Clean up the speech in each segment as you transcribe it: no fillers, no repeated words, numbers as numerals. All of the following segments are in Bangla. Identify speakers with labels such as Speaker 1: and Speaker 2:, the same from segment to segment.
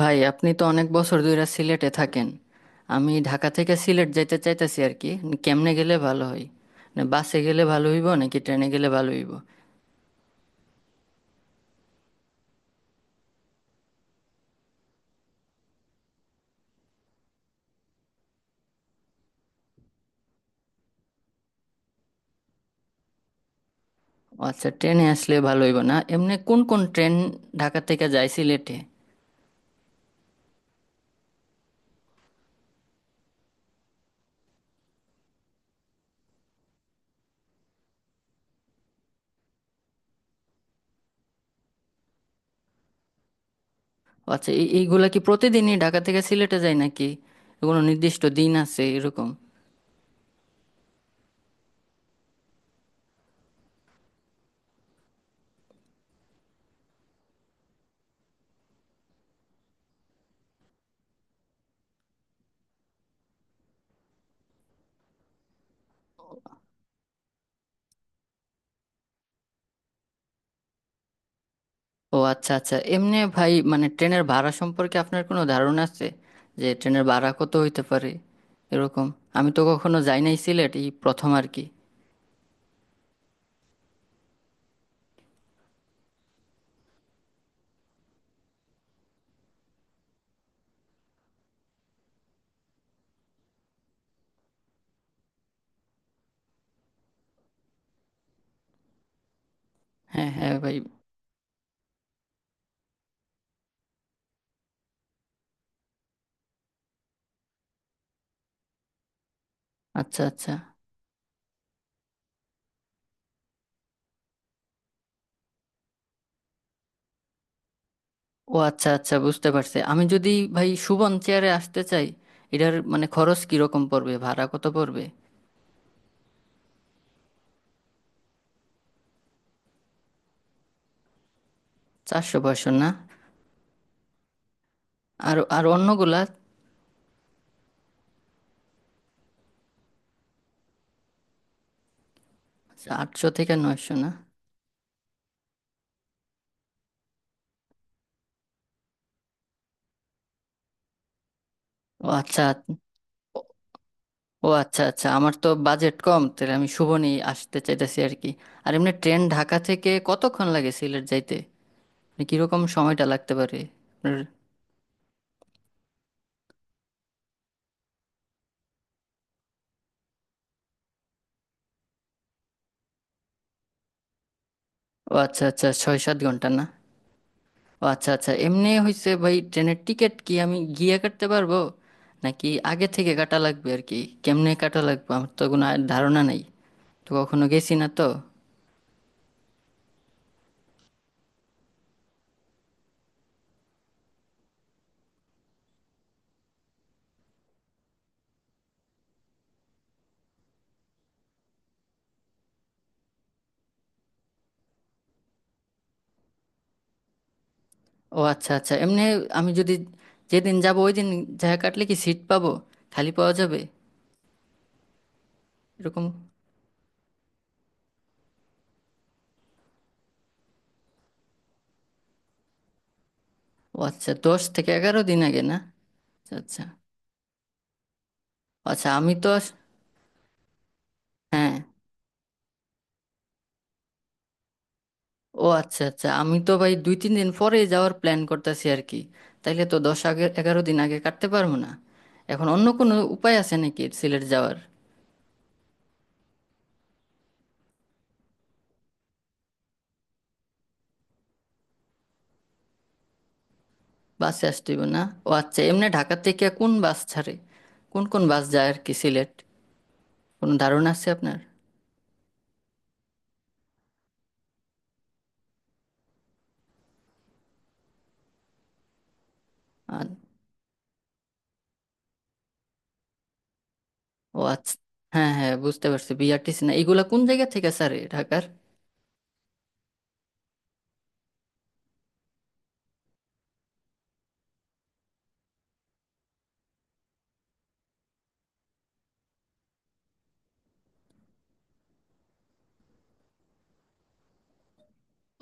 Speaker 1: ভাই, আপনি তো অনেক বছর ধরে সিলেটে থাকেন। আমি ঢাকা থেকে সিলেট যাইতে চাইতেছি আর কি। কেমনে গেলে ভালো হয়? না, বাসে গেলে ভালো হইব নাকি ট্রেনে গেলে ভালো হইব? ও আচ্ছা, ট্রেনে আসলে ভালো হইব না? এমনি কোন কোন ট্রেন ঢাকা থেকে যায় সিলেটে? ও আচ্ছা, এইগুলা কি প্রতিদিনই ঢাকা থেকে সিলেটে যায় নাকি কোনো নির্দিষ্ট দিন আছে এরকম? ও আচ্ছা আচ্ছা, এমনি ভাই, মানে ট্রেনের ভাড়া সম্পর্কে আপনার কোনো ধারণা আছে যে ট্রেনের ভাড়া কত হইতে পারে এরকম? আমি তো কখনো যাই নাই সিলেট, এই প্রথম আর কি। হ্যাঁ হ্যাঁ ভাই। আচ্ছা আচ্ছা। ও আচ্ছা আচ্ছা বুঝতে পারছি, আমি যদি ভাই শুভন চেয়ারে আসতে চাই এটার মানে খরচ কিরকম পড়বে, ভাড়া কত পড়বে? 400 500 না? আর আর অন্যগুলা? আচ্ছা, 800 থেকে 900 না? ও আচ্ছা। ও আচ্ছা আচ্ছা, আমার তো বাজেট কম, তাহলে আমি শুভনই আসতে চাইতেছি আর কি। আর এমনি ট্রেন ঢাকা থেকে কতক্ষণ লাগে সিলেট যাইতে, মানে কিরকম সময়টা লাগতে পারে? আপনার- ও আচ্ছা আচ্ছা, 6 7 ঘন্টা না? ও আচ্ছা আচ্ছা, এমনি হয়েছে ভাই, ট্রেনের টিকিট কি আমি গিয়ে কাটতে পারবো নাকি আগে থেকে কাটা লাগবে আর কি? কেমনে কাটা লাগবে? আমার তো কোনো ধারণা নাই, তো কখনো গেছি না তো। ও আচ্ছা আচ্ছা, এমনি আমি যদি যেদিন যাব ওই দিন যা কাটলে কি সিট পাবো, খালি পাওয়া যাবে এরকম? ও আচ্ছা, 10 থেকে 11 দিন আগে না? আচ্ছা আচ্ছা আচ্ছা, আমি তো হ্যাঁ। ও আচ্ছা আচ্ছা, আমি তো ভাই 2 3 দিন পরে যাওয়ার প্ল্যান করতেছি আর কি। তাইলে তো 10 আগে 11 দিন আগে কাটতে পারবো না। এখন অন্য কোনো উপায় আছে নাকি সিলেট যাওয়ার? বাসে আসতে হবে না? ও আচ্ছা, এমনি ঢাকা থেকে কোন বাস ছাড়ে? কোন কোন বাস যায় আর কি সিলেট? কোনো ধারণা আছে আপনার? আর। ও আচ্ছা, হ্যাঁ হ্যাঁ বুঝতে পারছি। বিআরটিসি না, এগুলা কোন জায়গা থেকে ছাড়ে ঢাকার?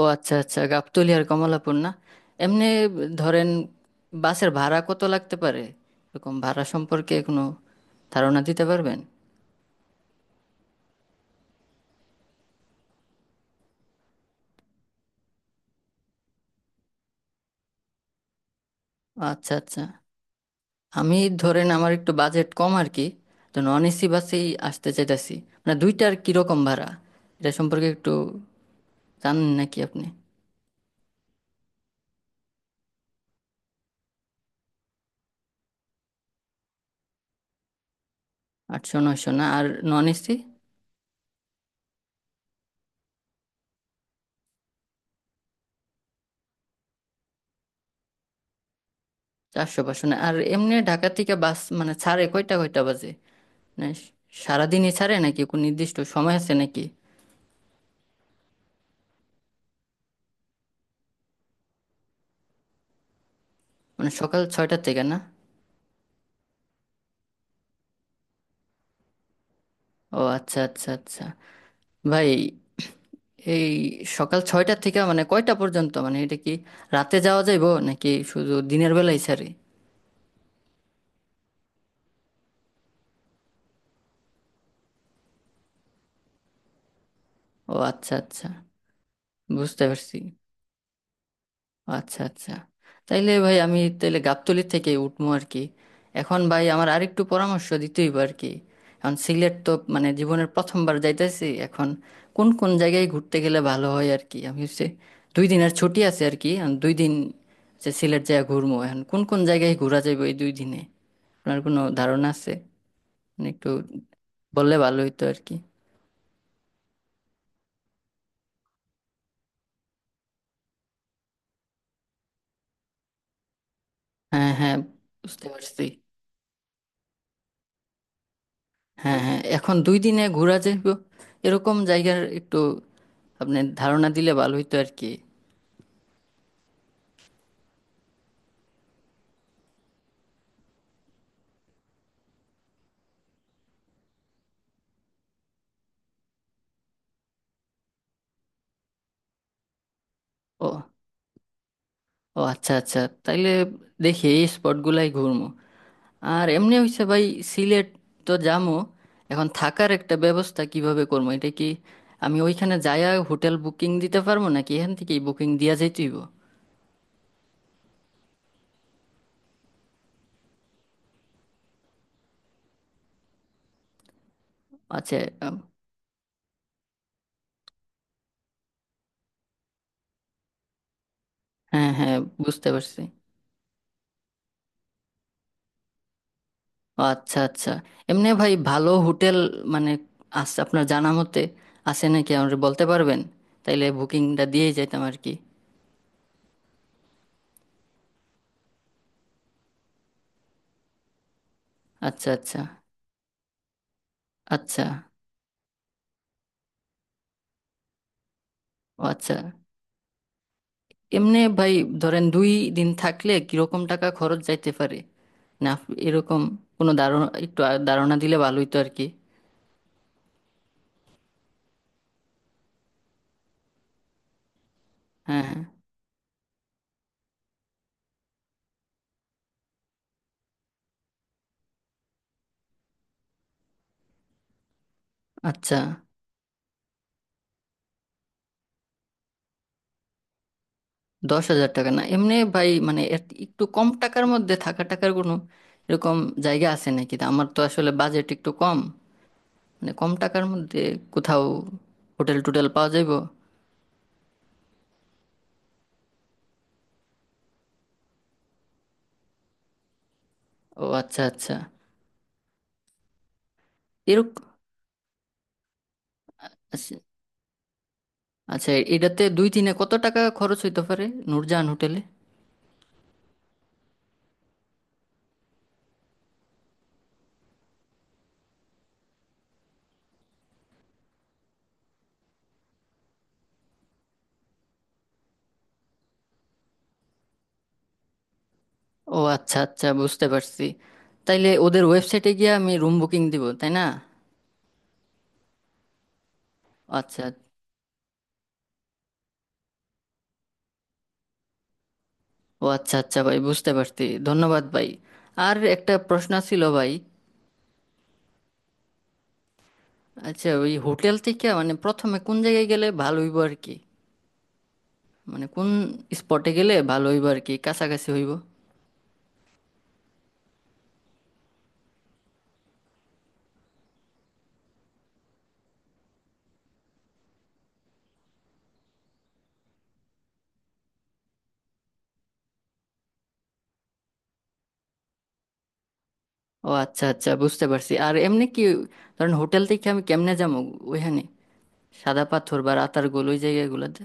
Speaker 1: ও আচ্ছা আচ্ছা, গাবতলী আর কমলাপুর না? এমনি ধরেন বাসের ভাড়া কত লাগতে পারে এরকম? ভাড়া সম্পর্কে কোনো ধারণা দিতে পারবেন? আচ্ছা আচ্ছা, আমি ধরেন আমার একটু বাজেট কম আর কি, তো নন এসি বাসেই আসতে চাইতেছি। মানে দুইটার কিরকম ভাড়া, এটা সম্পর্কে একটু জানেন নাকি আপনি? 800 900 না? আর নন এসি? 400 500 না? আর এমনি ঢাকা থেকে বাস মানে ছাড়ে কয়টা, কয়টা বাজে, মানে সারাদিনই ছাড়ে নাকি কোনো নির্দিষ্ট সময় আছে নাকি? মানে সকাল 6টার থেকে না? ও আচ্ছা আচ্ছা আচ্ছা ভাই, এই সকাল 6টার থেকে মানে কয়টা পর্যন্ত, মানে এটা কি রাতে যাওয়া যাইবো নাকি শুধু দিনের বেলায় ছাড়ে? ও আচ্ছা আচ্ছা বুঝতে পারছি। আচ্ছা আচ্ছা, তাইলে ভাই আমি তাইলে গাবতলী থেকে উঠবো আর কি। এখন ভাই আমার আরেকটু পরামর্শ দিতেই আর কি। এখন সিলেট তো মানে জীবনের প্রথমবার যাইতেছি, এখন কোন কোন জায়গায় ঘুরতে গেলে ভালো হয় আর কি? আমি হচ্ছে 2 দিনের ছুটি আছে আর কি, এখন 2 দিন যে সিলেট জায়গা ঘুরবো, এখন কোন কোন জায়গায় ঘোরা যাবে এই 2 দিনে? আপনার কোনো ধারণা আছে, মানে একটু বললে ভালো হতো আর কি। হ্যাঁ হ্যাঁ বুঝতে পারছি। হ্যাঁ হ্যাঁ, এখন 2 দিনে ঘোরা যাইব এরকম জায়গার একটু আপনি ধারণা দিলে ভালো হইতো আর কি। ও, ও আচ্ছা আচ্ছা, তাইলে দেখি এই স্পটগুলাই ঘুরমু। আর এমনি হইছে ভাই, সিলেট তো যামু, এখন থাকার একটা ব্যবস্থা কিভাবে করবো এটা? কি আমি ওইখানে যায়া হোটেল বুকিং দিতে পারবো নাকি এখান থেকেই বুকিং দিয়া যাইতেইব? আচ্ছা। আম, হ্যাঁ হ্যাঁ বুঝতে পারছি। আচ্ছা আচ্ছা, এমনি ভাই ভালো হোটেল মানে আছে আপনার জানা মতে, আছে নাকি আমাকে বলতে পারবেন? তাইলে বুকিংটা দিয়ে যাইতাম আর কি। আচ্ছা আচ্ছা আচ্ছা। ও আচ্ছা, এমনি ভাই ধরেন 2 দিন থাকলে কিরকম টাকা খরচ যাইতে পারে? না, এরকম কোনো ধারণা একটু ধারণা দিলে ভালোই তো আর কি। হ্যাঁ হ্যাঁ। আচ্ছা। 10,000 টাকা না? এমনি ভাই মানে এর একটু কম টাকার মধ্যে থাকা, টাকার কোনো এরকম জায়গা আছে নাকি? তা আমার তো আসলে বাজেট একটু কম, মানে কম টাকার মধ্যে কোথাও হোটেল টোটেল পাওয়া যাইবো? ও আচ্ছা আচ্ছা। এরকম। আচ্ছা। আচ্ছা, এটাতে 2 দিনে কত টাকা খরচ হইতে পারে নূরজাহান হোটেলে? ও আচ্ছা আচ্ছা বুঝতে পারছি। তাইলে ওদের ওয়েবসাইটে গিয়ে আমি রুম বুকিং দিব, তাই না? আচ্ছা। ও আচ্ছা আচ্ছা ভাই বুঝতে পারছি, ধন্যবাদ ভাই। আর একটা প্রশ্ন ছিল ভাই। আচ্ছা, ওই হোটেল থেকে মানে প্রথমে কোন জায়গায় গেলে ভালো হইব আর কি? মানে কোন স্পটে গেলে ভালো হইব আর কি, কাছাকাছি হইব? ও আচ্ছা আচ্ছা বুঝতে পারছি। আর এমনি কি ধরেন হোটেল থেকে আমি কেমনে যাবো ওইখানে, সাদা পাথর বা রাতারগুল ওই জায়গাগুলোতে?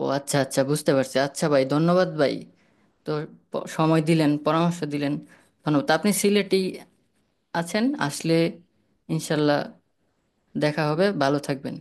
Speaker 1: ও আচ্ছা আচ্ছা বুঝতে পারছি, আচ্ছা ভাই ধন্যবাদ ভাই। তো সময় দিলেন, পরামর্শ দিলেন, ধন্যবাদ। আপনি সিলেটেই আছেন আসলে, ইনশাল্লাহ দেখা হবে। ভালো থাকবেন।